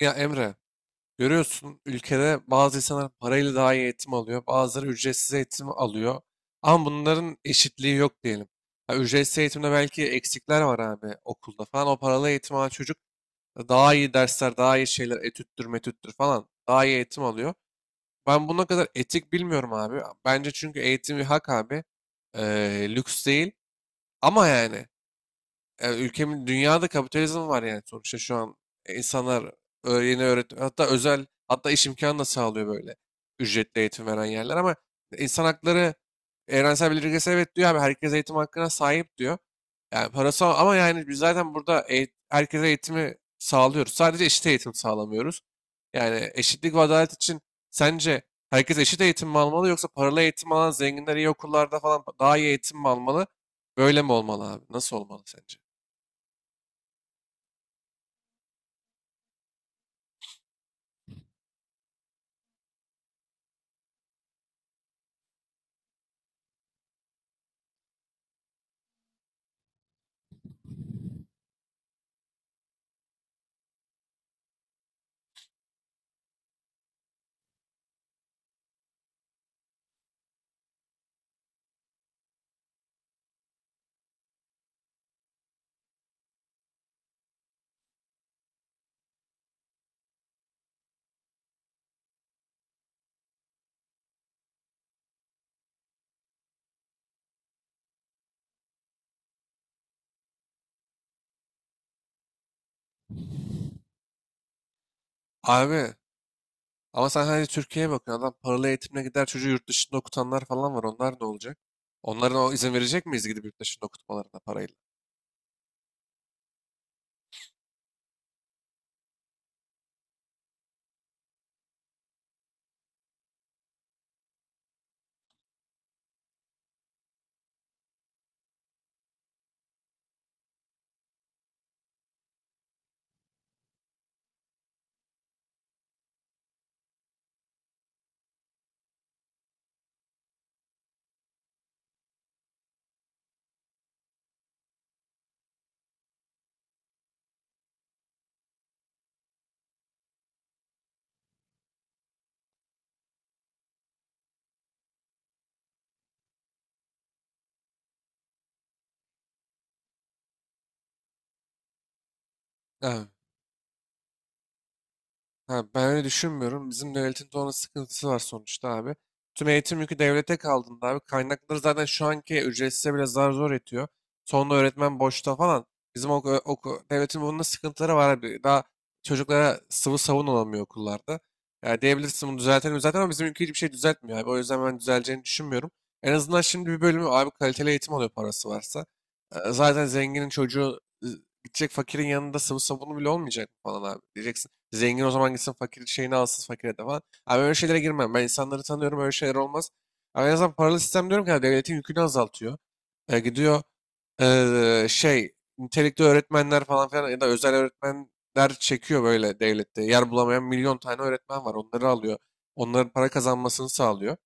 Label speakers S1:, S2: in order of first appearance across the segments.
S1: Ya Emre, görüyorsun ülkede bazı insanlar parayla daha iyi eğitim alıyor, bazıları ücretsiz eğitim alıyor. Ama bunların eşitliği yok diyelim. Ha, ücretsiz eğitimde belki eksikler var abi okulda falan. O paralı eğitim alan çocuk daha iyi dersler, daha iyi şeyler, etüttür, metüttür falan daha iyi eğitim alıyor. Ben buna kadar etik bilmiyorum abi. Bence çünkü eğitim bir hak abi. Lüks değil. Ama yani ülkemin dünyada kapitalizm var yani sonuçta şu an. İnsanlar yeni öğretim hatta özel hatta iş imkanı da sağlıyor böyle ücretli eğitim veren yerler ama insan hakları evrensel bildirgesi evet diyor abi, herkes eğitim hakkına sahip diyor. Yani parası ama yani biz zaten burada herkese eğitimi sağlıyoruz. Sadece eşit eğitim sağlamıyoruz. Yani eşitlik ve adalet için sence herkes eşit eğitim mi almalı, yoksa paralı eğitim alan zenginler iyi okullarda falan daha iyi eğitim mi almalı? Böyle mi olmalı abi? Nasıl olmalı sence? Abi ama sen hani Türkiye'ye bakıyorsun. Adam paralı eğitimine gider, çocuğu yurt dışında okutanlar falan var. Onlar ne olacak? Onlara o izin verecek miyiz gidip yurt dışında okutmalarına parayla? Ha, ben öyle düşünmüyorum. Bizim devletin de onun sıkıntısı var sonuçta abi. Tüm eğitim yükü devlete kaldığında abi kaynakları zaten şu anki ücretsize bile zar zor yetiyor. Sonunda öğretmen boşta falan. Bizim devletin bunun da sıkıntıları var abi. Daha çocuklara sıvı savun olamıyor okullarda. Yani diyebilirsin bunu düzeltelim zaten, ama bizim ülke hiçbir şey düzeltmiyor abi. O yüzden ben düzeleceğini düşünmüyorum. En azından şimdi bir bölümü abi kaliteli eğitim alıyor parası varsa. Zaten zenginin çocuğu gidecek, fakirin yanında sıvı sabunu bile olmayacak falan abi. Diyeceksin zengin o zaman gitsin, fakir şeyini alsın fakire de falan. Abi öyle şeylere girmem. Ben insanları tanıyorum, öyle şeyler olmaz. Abi en azından paralı sistem diyorum ki abi, devletin yükünü azaltıyor. Gidiyor e, şey nitelikli öğretmenler falan filan ya da özel öğretmenler çekiyor böyle devlette. Yer bulamayan milyon tane öğretmen var. Onları alıyor. Onların para kazanmasını sağlıyor.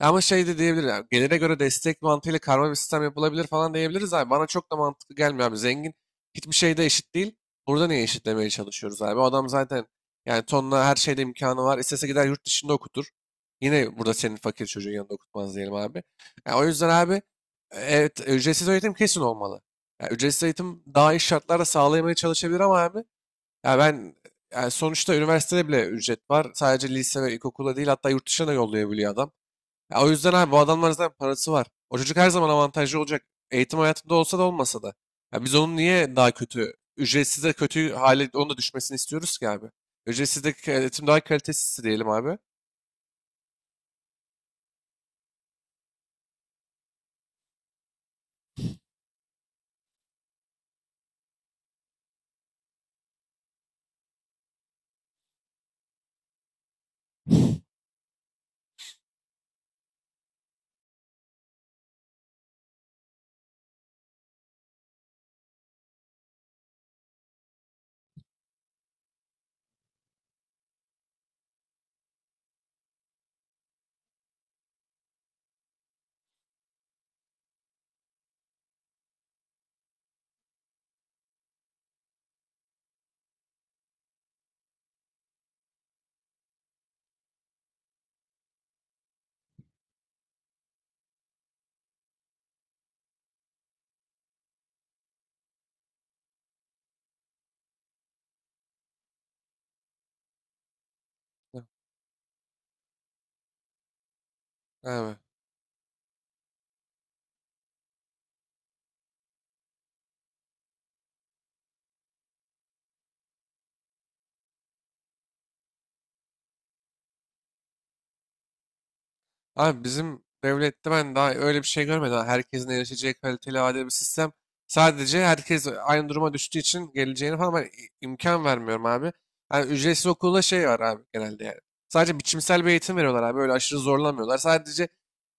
S1: Ama şey de diyebilir ya, gelire göre destek mantığıyla karma bir sistem yapılabilir falan diyebiliriz abi. Bana çok da mantıklı gelmiyor abi. Zengin hiçbir şeyde eşit değil. Burada niye eşitlemeye çalışıyoruz abi? O adam zaten yani tonla her şeyde imkanı var. İstese gider yurt dışında okutur. Yine burada senin fakir çocuğun yanında okutmaz diyelim abi. Ya o yüzden abi evet ücretsiz eğitim kesin olmalı. Ya ücretsiz eğitim daha iyi şartlarda sağlayamaya çalışabilir ama abi, ya ben, yani sonuçta üniversitede bile ücret var. Sadece lise ve ilkokula değil, hatta yurt dışına da yollayabiliyor adam. Ya o yüzden abi bu adamların zaten parası var. O çocuk her zaman avantajlı olacak, eğitim hayatında olsa da olmasa da. Ya biz onun niye daha kötü, ücretsiz de kötü hale onun da düşmesini istiyoruz ki abi. Ücretsiz de eğitim daha kalitesiz diyelim abi. Evet. Abi bizim devlette ben daha öyle bir şey görmedim. Ha, herkesin erişeceği kaliteli, adil bir sistem. Sadece herkes aynı duruma düştüğü için geleceğini falan ben imkan vermiyorum abi. Yani ücretsiz okulda şey var abi genelde yani. Sadece biçimsel bir eğitim veriyorlar abi. Öyle aşırı zorlamıyorlar. Sadece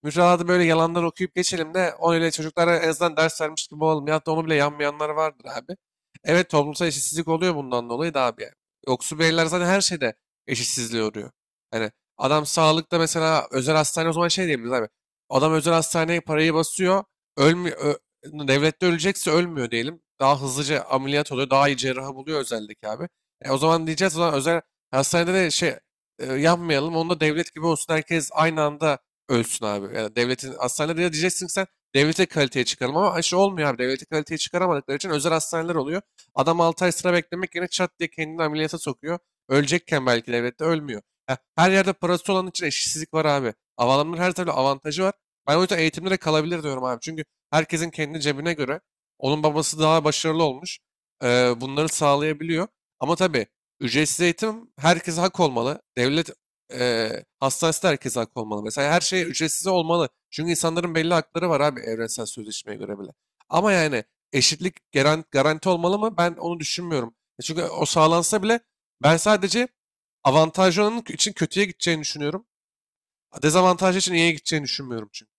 S1: müfredatı böyle yalanlar okuyup geçelim de o öyle, çocuklara en azından ders vermiş gibi olalım. Ya da onu bile yanmayanlar vardır abi. Evet, toplumsal eşitsizlik oluyor bundan dolayı da abi yani. Yoksul bireyler zaten her şeyde eşitsizliğe uğruyor. Hani adam sağlıkta mesela özel hastane, o zaman şey diyebiliriz abi. Adam özel hastaneye parayı basıyor. Ölmüyor. Devlette ölecekse ölmüyor diyelim. Daha hızlıca ameliyat oluyor. Daha iyi cerrahı buluyor özeldeki abi. O zaman diyeceğiz o zaman özel hastanede de yapmayalım. Onda devlet gibi olsun. Herkes aynı anda ölsün abi. Yani devletin hastanede de diyeceksin ki sen, devlete kaliteye çıkaralım, ama şey olmuyor abi. Devlete kaliteye çıkaramadıkları için özel hastaneler oluyor. Adam 6 ay sıra beklemek yerine çat diye kendini ameliyata sokuyor. Ölecekken belki devlette ölmüyor. Ya, her yerde parası olan için eşitsizlik var abi. Adamların her türlü avantajı var. Ben o yüzden eğitimde de kalabilir diyorum abi. Çünkü herkesin kendi cebine göre onun babası daha başarılı olmuş. Bunları sağlayabiliyor. Ama tabii ücretsiz eğitim herkese hak olmalı. Devlet e, hastanesi de herkese hak olmalı. Mesela her şey ücretsiz olmalı. Çünkü insanların belli hakları var abi, evrensel sözleşmeye göre bile. Ama yani eşitlik garanti olmalı mı? Ben onu düşünmüyorum. Çünkü o sağlansa bile ben sadece avantajlı olanın için kötüye gideceğini düşünüyorum. Dezavantajlı için iyiye gideceğini düşünmüyorum çünkü.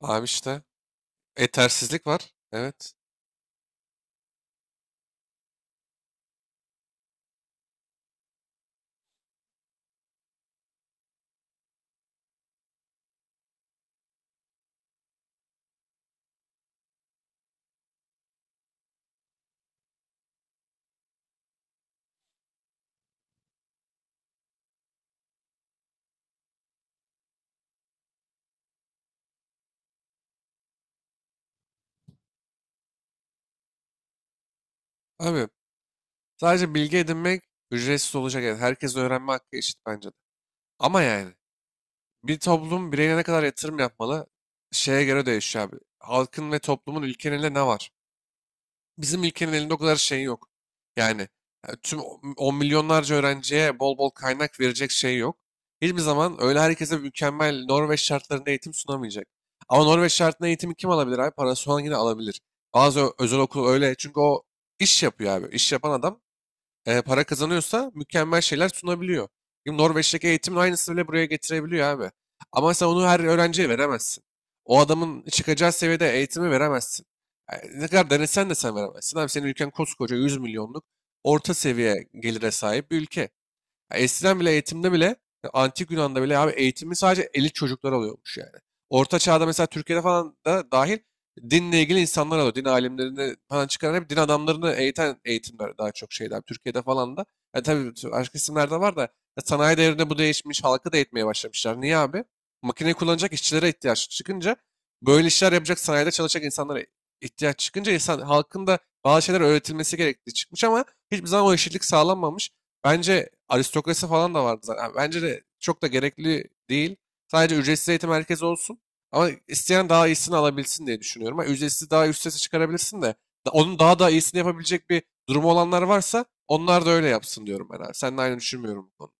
S1: Abi işte yetersizlik var. Evet. Abi sadece bilgi edinmek ücretsiz olacak. Yani herkes öğrenme hakkı eşit bence de. Ama yani bir toplum bireyine ne kadar yatırım yapmalı şeye göre değişiyor abi. Halkın ve toplumun ülkenin elinde ne var? Bizim ülkenin elinde o kadar şey yok. Yani tüm on milyonlarca öğrenciye bol bol kaynak verecek şey yok. Hiçbir zaman öyle herkese mükemmel Norveç şartlarında eğitim sunamayacak. Ama Norveç şartında eğitimi kim alabilir abi? Parası olan yine alabilir. Bazı özel okul öyle. Çünkü o iş yapıyor abi. İş yapan adam para kazanıyorsa mükemmel şeyler sunabiliyor. Şimdi Norveç'teki eğitimin aynısını bile buraya getirebiliyor abi. Ama sen onu her öğrenciye veremezsin. O adamın çıkacağı seviyede eğitimi veremezsin. Yani ne kadar denesen de sen veremezsin. Abi senin ülken koskoca 100 milyonluk, orta seviye gelire sahip bir ülke. Ya eskiden bile eğitimde bile, ya antik Yunan'da bile abi eğitimi sadece elit çocuklar alıyormuş yani. Orta çağda mesela Türkiye'de falan da dahil, dinle ilgili insanlar alıyor. Din alimlerini falan çıkaran, hep din adamlarını eğiten eğitimler, daha çok şeyler. Türkiye'de falan da. Ya tabii başka isimlerde var da, ya sanayi devrinde bu değişmiş. Halkı da eğitmeye başlamışlar. Niye abi? Makineyi kullanacak işçilere ihtiyaç çıkınca, böyle işler yapacak sanayide çalışacak insanlara ihtiyaç çıkınca, insan halkın da bazı şeyler öğretilmesi gerektiği çıkmış, ama hiçbir zaman o eşitlik sağlanmamış. Bence aristokrasi falan da vardı zaten. Yani bence de çok da gerekli değil. Sadece ücretsiz eğitim merkezi olsun. Ama isteyen daha iyisini alabilsin diye düşünüyorum. Ha, ücretsiz daha üst sese çıkarabilirsin de. Onun daha da iyisini yapabilecek bir durumu olanlar varsa onlar da öyle yapsın diyorum ben abi. Seninle aynı düşünmüyorum bu konuda.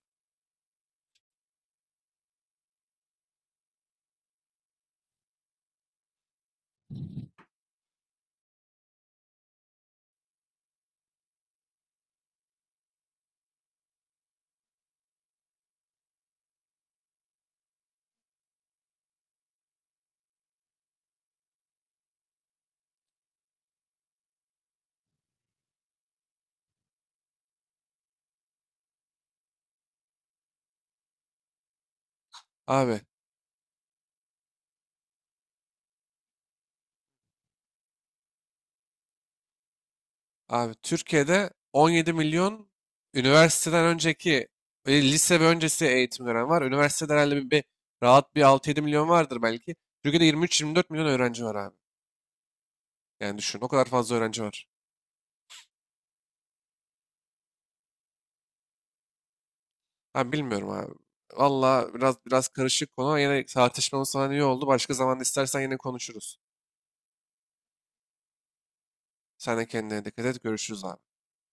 S1: Abi, abi Türkiye'de 17 milyon üniversiteden önceki lise ve öncesi eğitim dönemi var. Üniversitede herhalde bir rahat bir 6-7 milyon vardır belki. Türkiye'de 23-24 milyon öğrenci var abi. Yani düşün o kadar fazla öğrenci var. Ben bilmiyorum abi. Valla biraz biraz karışık konu ama yine tartışmamız falan iyi oldu. Başka zaman istersen yine konuşuruz. Sen de kendine dikkat et. Görüşürüz abi.